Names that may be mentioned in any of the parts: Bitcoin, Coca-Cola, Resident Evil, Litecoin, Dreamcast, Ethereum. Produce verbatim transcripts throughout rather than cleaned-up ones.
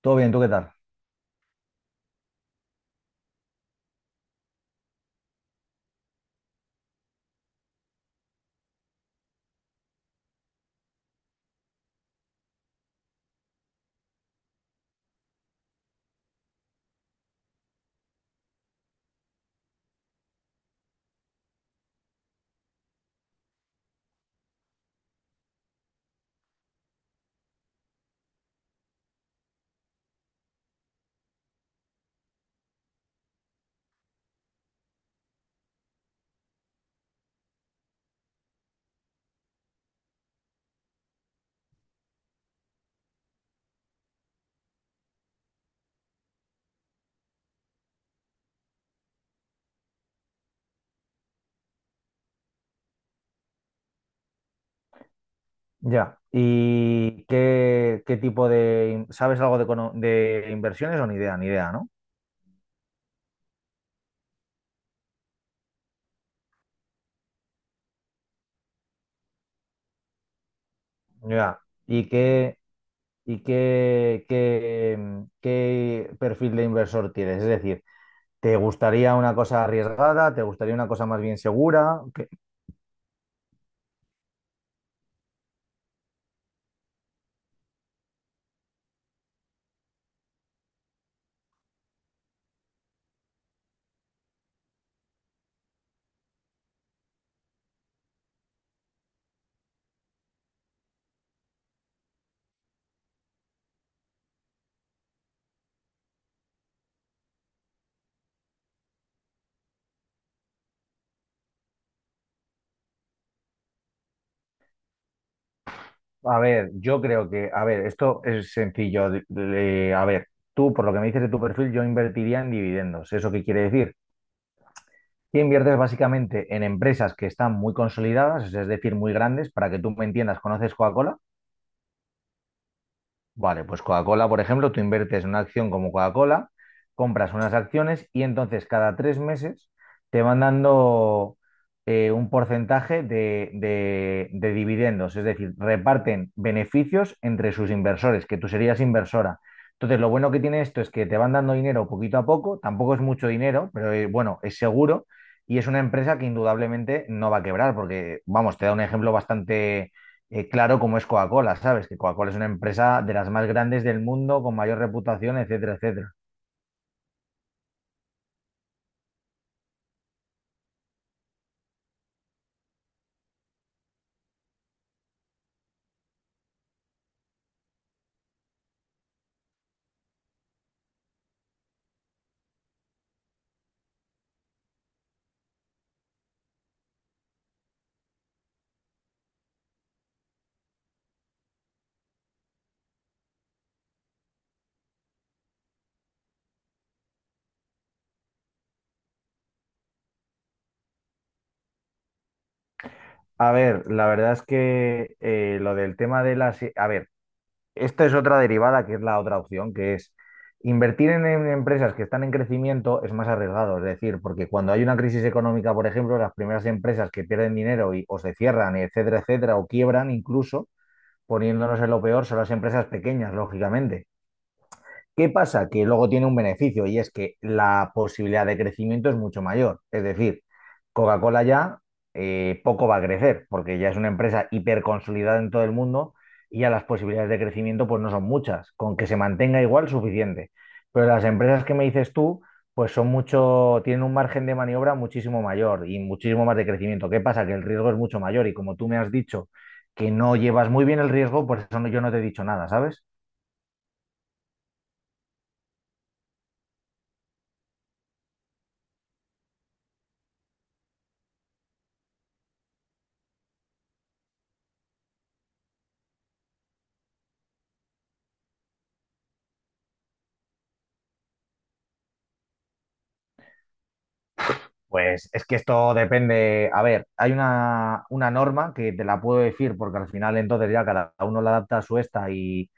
Todo bien, ¿tú qué tal? Ya. ¿Y qué, qué tipo de... in- ¿Sabes algo de, econo- de inversiones o ni idea? Ni idea, ¿no? Ya. ¿Y qué, y qué, qué, mm, qué perfil de inversor tienes? Es decir, ¿te gustaría una cosa arriesgada? ¿Te gustaría una cosa más bien segura? ¿Qué- A ver, yo creo que... A ver, esto es sencillo. De- de- a ver, tú, por lo que me dices de tu perfil, yo invertiría en dividendos. ¿Eso qué quiere decir? Y inviertes básicamente en empresas que están muy consolidadas, es decir, muy grandes, para que tú me entiendas, ¿conoces Coca-Cola? Vale, pues Coca-Cola, por ejemplo, tú inviertes en una acción como Coca-Cola, compras unas acciones y entonces cada tres meses te van dando eh, un porcentaje de, de- de dividendos, es decir, reparten beneficios entre sus inversores, que tú serías inversora. Entonces, lo bueno que tiene esto es que te van dando dinero poquito a poco, tampoco es mucho dinero, pero eh, bueno, es seguro y es una empresa que indudablemente no va a quebrar, porque, vamos, te da un ejemplo bastante eh, claro como es Coca-Cola, ¿sabes? Que Coca-Cola es una empresa de las más grandes del mundo, con mayor reputación, etcétera, etcétera. A ver, la verdad es que eh, lo del tema de las... A ver, esta es otra derivada que es la otra opción, que es invertir en, en empresas que están en crecimiento es más arriesgado, es decir, porque cuando hay una crisis económica, por ejemplo, las primeras empresas que pierden dinero y, o se cierran, etcétera, etcétera, o quiebran incluso, poniéndonos en lo peor, son las empresas pequeñas, lógicamente. ¿Qué pasa? Que luego tiene un beneficio y es que la posibilidad de crecimiento es mucho mayor. Es decir, Coca-Cola ya eh, poco va a crecer porque ya es una empresa hiperconsolidada en todo el mundo y ya las posibilidades de crecimiento pues no son muchas. Con que se mantenga igual, suficiente. Pero las empresas que me dices tú, pues son mucho, tienen un margen de maniobra muchísimo mayor y muchísimo más de crecimiento. ¿Qué pasa? Que el riesgo es mucho mayor y como tú me has dicho que no llevas muy bien el riesgo, por eso no- yo no te he dicho nada, ¿sabes? Pues es que esto depende. A ver, hay una, una norma que te la puedo decir porque al final entonces ya cada uno la adapta a su esta y,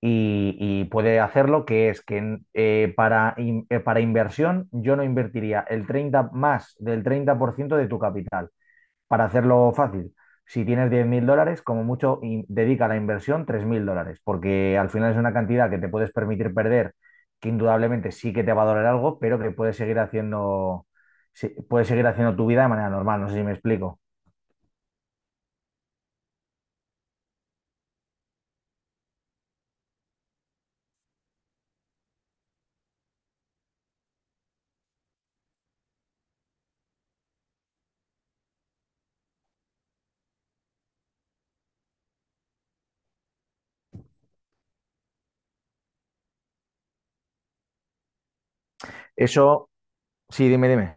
y- y puede hacerlo, que es que eh, para, in- eh, para inversión yo no invertiría el treinta más del treinta por ciento de tu capital. Para hacerlo fácil, si tienes diez mil dólares, como mucho, in- dedica a la inversión tres mil dólares, porque al final es una cantidad que te puedes permitir perder, que indudablemente sí que te va a doler algo, pero que puedes seguir haciendo, sí, puedes seguir haciendo tu vida de manera normal. No sé si me explico. Eso, sí, dime, dime.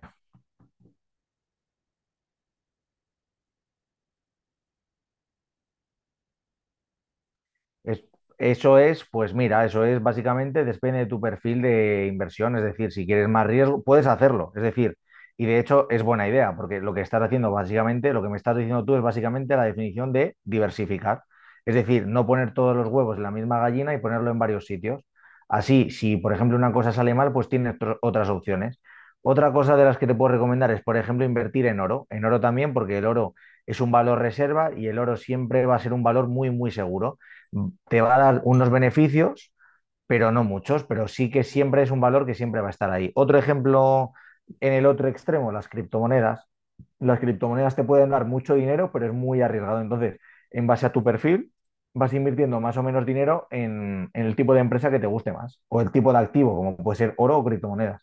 Es- Eso es, pues mira, eso es básicamente depende de tu perfil de inversión, es decir, si quieres más riesgo, puedes hacerlo, es decir, y de hecho es buena idea, porque lo que estás haciendo básicamente, lo que me estás diciendo tú es básicamente la definición de diversificar, es decir, no poner todos los huevos en la misma gallina y ponerlo en varios sitios. Así, si por ejemplo una cosa sale mal, pues tienes otro- otras opciones. Otra cosa de las que te puedo recomendar es, por ejemplo, invertir en oro, en oro también, porque el oro es un valor reserva y el oro siempre va a ser un valor muy, muy seguro te va a dar unos beneficios, pero no muchos, pero sí que siempre es un valor que siempre va a estar ahí. Otro ejemplo en el otro extremo, las criptomonedas. Las criptomonedas te pueden dar mucho dinero, pero es muy arriesgado. Entonces, en base a tu perfil, vas invirtiendo más o menos dinero en, en el tipo de empresa que te guste más o el tipo de activo, como puede ser oro o criptomonedas.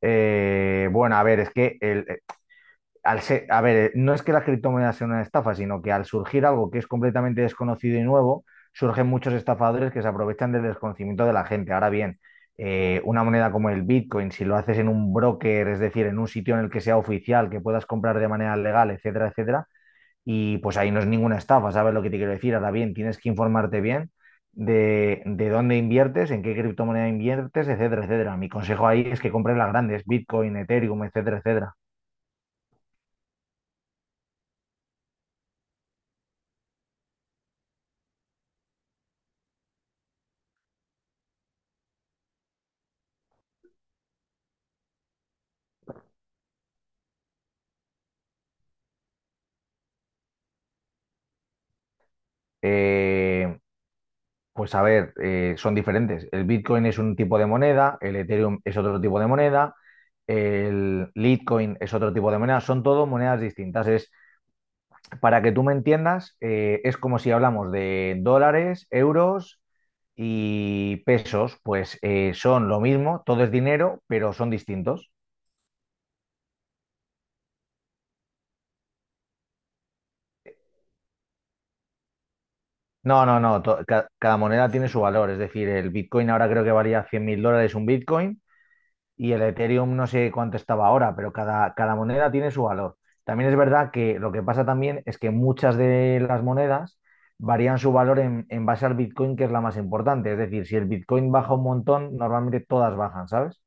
Eh, bueno, a ver, es que el, al ser- a ver, no es que las criptomonedas sean una estafa, sino que al surgir algo que es completamente desconocido y nuevo, surgen muchos estafadores que se aprovechan del desconocimiento de la gente. Ahora bien, eh, una moneda como el Bitcoin, si lo haces en un broker, es decir, en un sitio en el que sea oficial, que puedas comprar de manera legal, etcétera, etcétera, y pues ahí no es ninguna estafa, ¿sabes lo que te quiero decir? Ahora bien, tienes que informarte bien de, de dónde inviertes, en qué criptomoneda inviertes, etcétera, etcétera. Mi consejo ahí es que compres las grandes, Bitcoin, Ethereum, etcétera, etcétera. Eh, Pues a ver, eh, son diferentes. El Bitcoin es un tipo de moneda, el Ethereum es otro tipo de moneda, el Litecoin es otro tipo de moneda, son todo monedas distintas. Es, para que tú me entiendas, eh, es como si hablamos de dólares, euros y pesos, pues eh, son lo mismo, todo es dinero, pero son distintos. No, no, no, to- ca- cada moneda tiene su valor, es decir, el Bitcoin ahora creo que valía cien mil dólares un Bitcoin y el Ethereum no sé cuánto estaba ahora, pero cada, cada moneda tiene su valor. También es verdad que lo que pasa también es que muchas de las monedas varían su valor en, en base al Bitcoin, que es la más importante. Es decir, si el Bitcoin baja un montón, normalmente todas bajan, ¿sabes?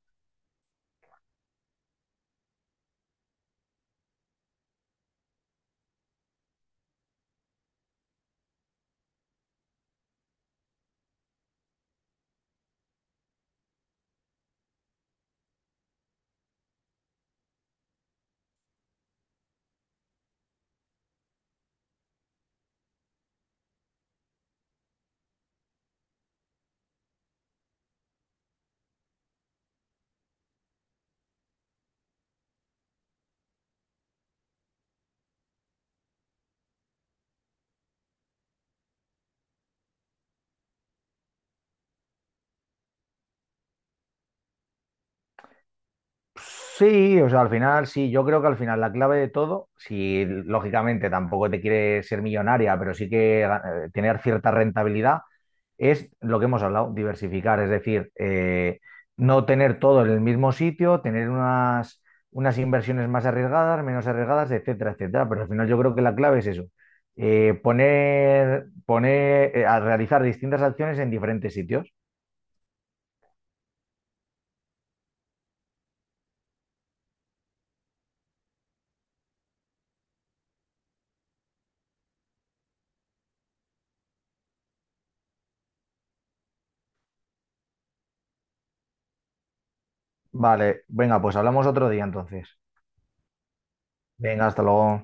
Sí, o sea, al final, sí, yo creo que al final la clave de todo, si lógicamente tampoco te quieres ser millonaria, pero sí que eh, tener cierta rentabilidad, es lo que hemos hablado, diversificar, es decir, eh, no tener todo en el mismo sitio, tener unas, unas inversiones más arriesgadas, menos arriesgadas, etcétera, etcétera. Pero al final yo creo que la clave es eso, eh, poner, poner, eh, a realizar distintas acciones en diferentes sitios. Vale, venga, pues hablamos otro día entonces. Venga, hasta luego.